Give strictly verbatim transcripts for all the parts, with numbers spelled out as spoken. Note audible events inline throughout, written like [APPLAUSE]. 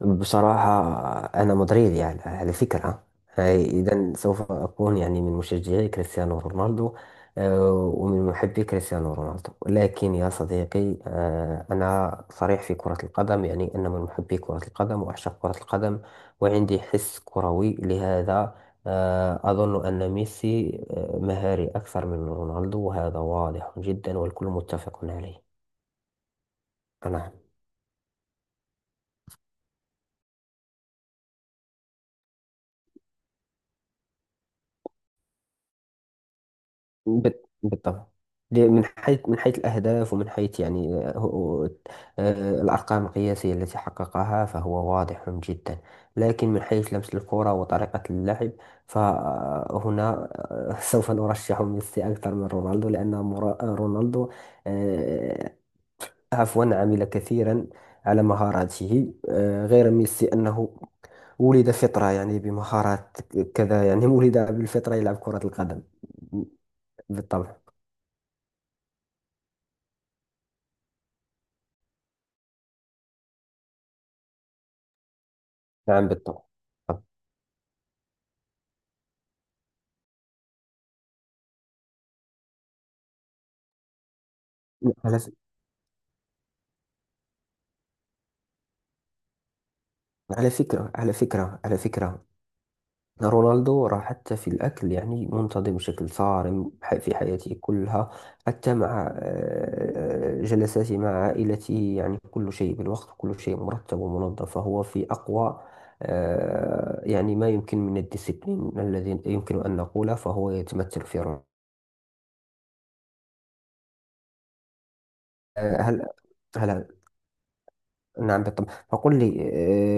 بصراحة، أنا مدريد يعني على فكرة. إذا سوف أكون يعني من مشجعي كريستيانو رونالدو، آه، ومن محبي كريستيانو رونالدو. لكن يا صديقي، آه، أنا صريح في كرة القدم، يعني أنا من محبي كرة القدم وأعشق كرة القدم، وعندي حس كروي لهذا. آه، أظن أن ميسي آه، مهاري أكثر من رونالدو، وهذا واضح جدا والكل متفق عليه. أنا بت- بالطبع. ليه- من حيث من حيث الأهداف، ومن حيث يعني آه، هو- آه، الأرقام القياسية التي حققها، فهو واضح جدا. لكن من حيث لمس الكرة وطريقة اللعب، فهنا [LAUGHS] سوف نرشح ميسي أكثر من رونالدو، لأن مر- رونالدو آه، عفوا عمل كثيرا على مهاراته، آه، غير ميسي أنه ولد فطرة، يعني بمهارات كذا، يعني ولد بالفطرة يلعب كرة القدم. بالطبع. نعم بالطبع. طب، على ف... على فكرة على فكرة على فكرة رونالدو راح حتى في الأكل، يعني منتظم بشكل صارم ح- في حياته كلها. حتى مع آه، جلساته مع عائلته، يعني كل شيء بالوقت، كل شيء مرتب ومنظم، فهو في أقوى آه، يعني ما يمكن من الديسيبلين الذي يمكن أن نقوله، فهو يتمثل في رونالدو. آه، هل هل نعم بالطبع، فقل لي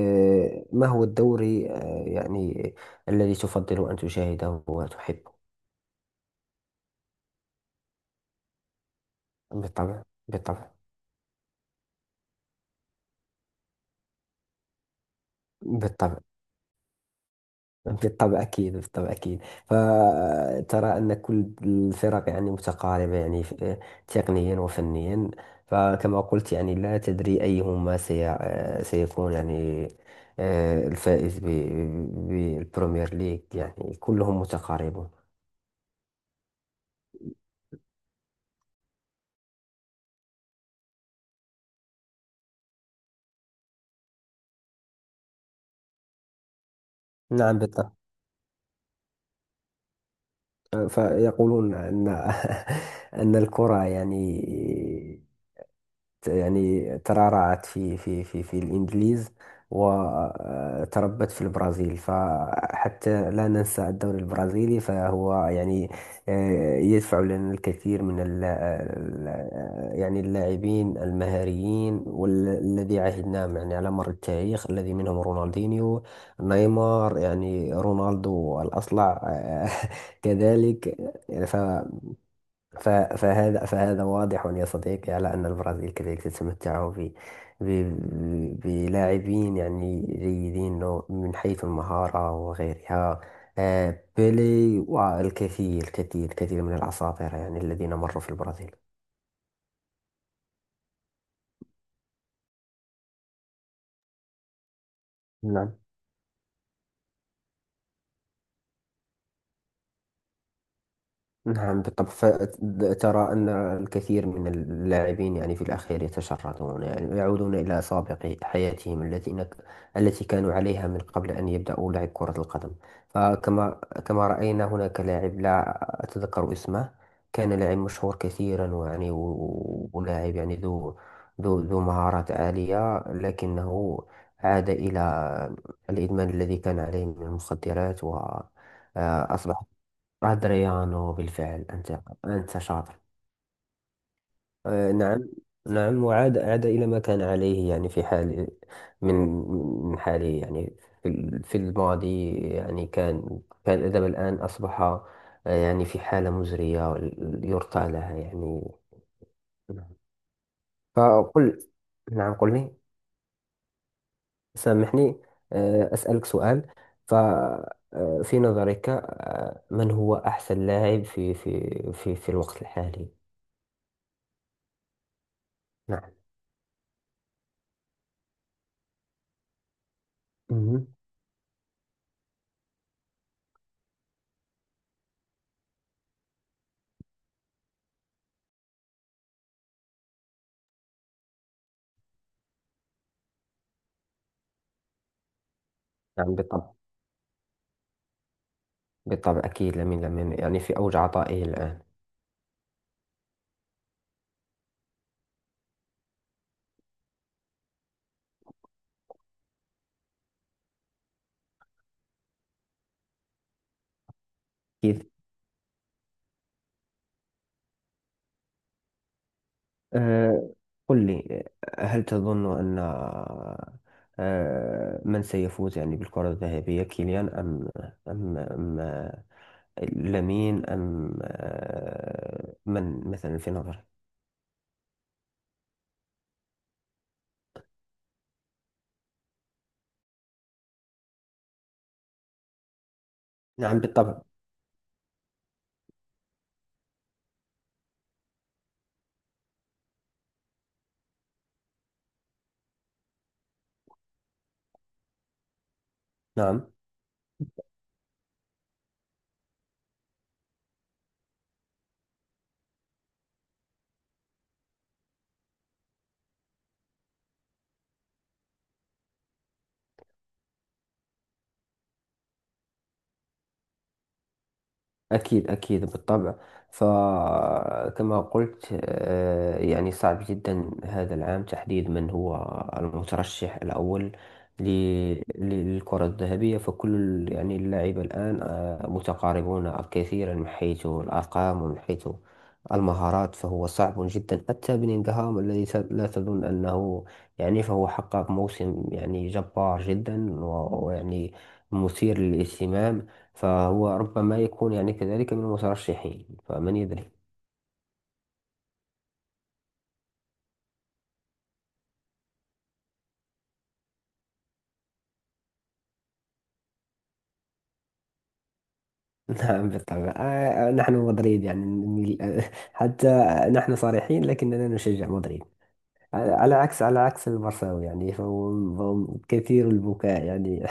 آه، ما هو الدوري آه، يعني الذي تفضل أن تشاهده وتحبه؟ بالطبع. بالطبع. بالطبع. بالطبع أكيد. بالطبع أكيد. فترى أن كل الفرق يعني متقاربة، يعني ف- تقنيا وفنيا. فكما قلت يعني لا تدري أيهما سي آه، سيكون يعني آه، الفائز ب- بالبريمير ليج، يعني كلهم متقاربون. نعم بالطبع. فيقولون أن [LAUGHS] أن الكرة يعني يعني ترعرعت في في في في الإنجليز، وتربت في البرازيل. فحتى لا ننسى الدوري البرازيلي، فهو يعني آه، يدفع لنا الكثير من ال- آه، ال- آه، يعني اللاعبين المهاريين، والذي عهدناهم يعني على مر التاريخ، الذي منهم رونالدينيو، نيمار، يعني رونالدو الأصلع [LAUGHS] كذلك. ف- فهذا فهذا واضح يا صديقي على أن البرازيل كذلك تتمتع ب- ب- بلاعبين يعني جيدين، لو- من حيث المهارة وغيرها، آه، بيلي والكثير الكثير الكثير من الأساطير يعني الذين مروا في البرازيل. نعم. نعم بالطبع. فترى أن الكثير من اللاعبين يعني في الأخير يتشردون، يعني يعودون إلى سابق حياتهم التي التي كانوا عليها من قبل أن يبدأوا لعب كرة القدم. فكما كما رأينا هناك لاعب لا أتذكر اسمه، كان لاعب مشهور كثيرا ويعني و- ولاعب يعني ذو ذو ذو مهارات عالية، لكنه عاد إلى الإدمان الذي كان عليه من المخدرات، و آه، أصبح أدريانو بالفعل. أنت أنت شاطر. آه، نعم. نعم، وعاد عاد إلى ما كان عليه، يعني في حال من من حاله يعني، في ال- في الماضي، يعني كان كان الأدب، الآن أصبح آه، يعني في حالة مزرية يرثى لها يعني. نعم. فقل. نعم قل لي، سامحني، آه، أسألك سؤال. ف آه، في نظرك، آه، من هو أحسن لاعب في في في في الوقت الحالي؟ نعم. نعم بالطبع. بالطبع أكيد، لمن لمن يعني في أوج عطائه الآن. أكيد. أه، قل لي آه، هل تظن أن أه من سيفوز يعني بالكرة الذهبية، كيليان أم أم أم لامين، أم أه من مثلا في نظرك؟ نعم بالطبع. نعم أكيد. أكيد بالطبع. فكما قلت آه، يعني صعب جدا هذا العام تحديد من هو المترشح الأول ل- ل- للكرة الذهبية. فكل ال- يعني اللاعبة الآن آه، متقاربون كثيرا، من حيث الأرقام ومن حيث المهارات. فهو صعب جدا، حتى بلينغهام الذي ت- لا تظن أنه يعني، فهو حقق موسم يعني جبار جدا و- ويعني مثير للاهتمام، فهو ربما يكون يعني كذلك من المترشحين، فمن يدري. [LAUGHS] نعم بالطبع. آه، آه، نحن مدريد يعني نميل- [LAUGHS] حتى نحن صريحين، لكننا نشجع مدريد. على على عكس على عكس المرساوي يعني، [LAUGHS] فهم فهم كثير البكاء يعني.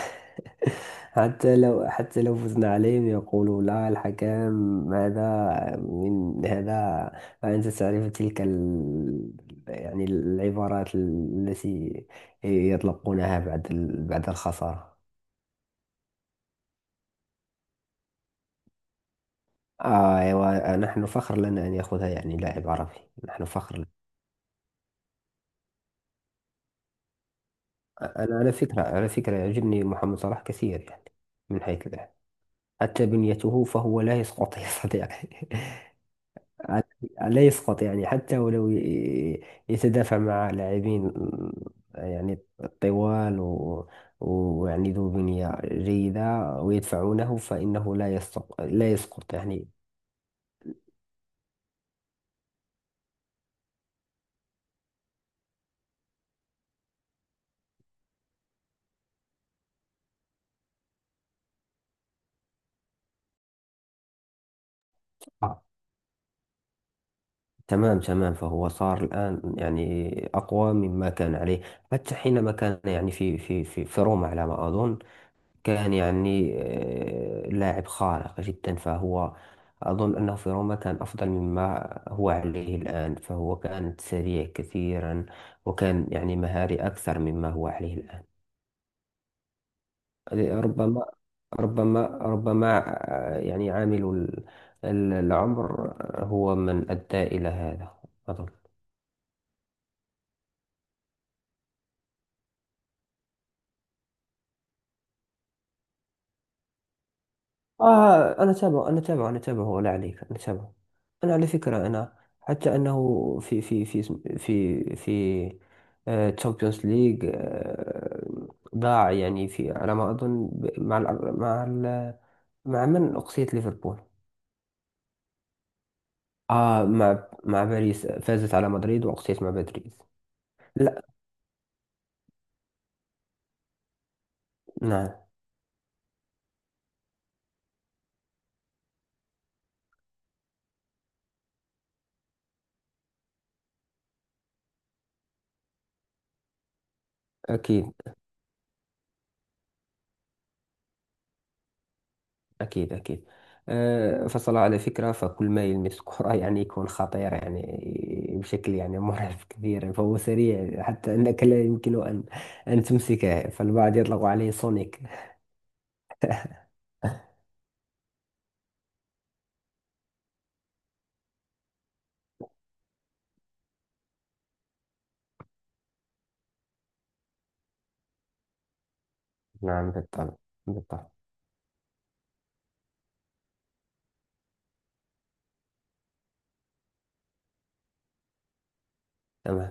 [LAUGHS] حتى لو حتى لو فزنا عليهم، يقولوا لا، الحكام هذا من هذا. فأنت تعرف تلك ال يعني العبارات التي يطلقونها بعد ال بعد الخسارة. آه أيوة، نحن فخر لنا أن يأخذها يعني لاعب عربي. نحن فخر لنا. أنا على فكرة، على فكرة يعجبني محمد صلاح كثير، يعني من حيث اللعب، حتى بنيته، فهو لا يسقط يا صديقي. [LAUGHS] لا يسقط، يعني حتى ولو ي- يتدافع مع لاعبين يعني طوال و- ويعني ذو بنية جيدة ويدفعونه، فإنه لا يسقط، لا يسقط يعني. آه، تمام تمام، فهو صار الآن يعني أقوى مما كان عليه. حتى حينما كان يعني في في في, في روما على ما أظن، كان يعني آه، لاعب خارق جدا، فهو أظن أنه في روما كان أفضل مما هو عليه الآن. فهو كان سريع كثيرا، وكان يعني مهاري أكثر مما هو عليه الآن. ربما. ربما ربما. آه، يعني عامل ال- ال- العمر هو من أدى إلى هذا، أظن. آه، أنا أتابعه، أنا أتابعه، أنا أتابعه، ولا عليك، أنا أتابعه. أنا على فكرة، أنا حتى أنه في في في في في تشامبيونز ليج، ضاع يعني في على ما أظن ب- مع ال مع ال مع من أقصيت ليفربول. آه، مع مع باريس فازت على مدريد، وأقصيت مع مدريد. لا. نعم أكيد. أكيد أكيد. أه، فصل على فكرة، فكل ما يلمس الكرة [LAUGHS] يعني يكون خطير، يعني بشكل يعني مرعب كبير، فهو سريع حتى أنك لا يمكن أن أن تمسكه، فالبعض يطلق عليه سونيك. [LAUGHS] نعم بالطبع. بالطبع تمام.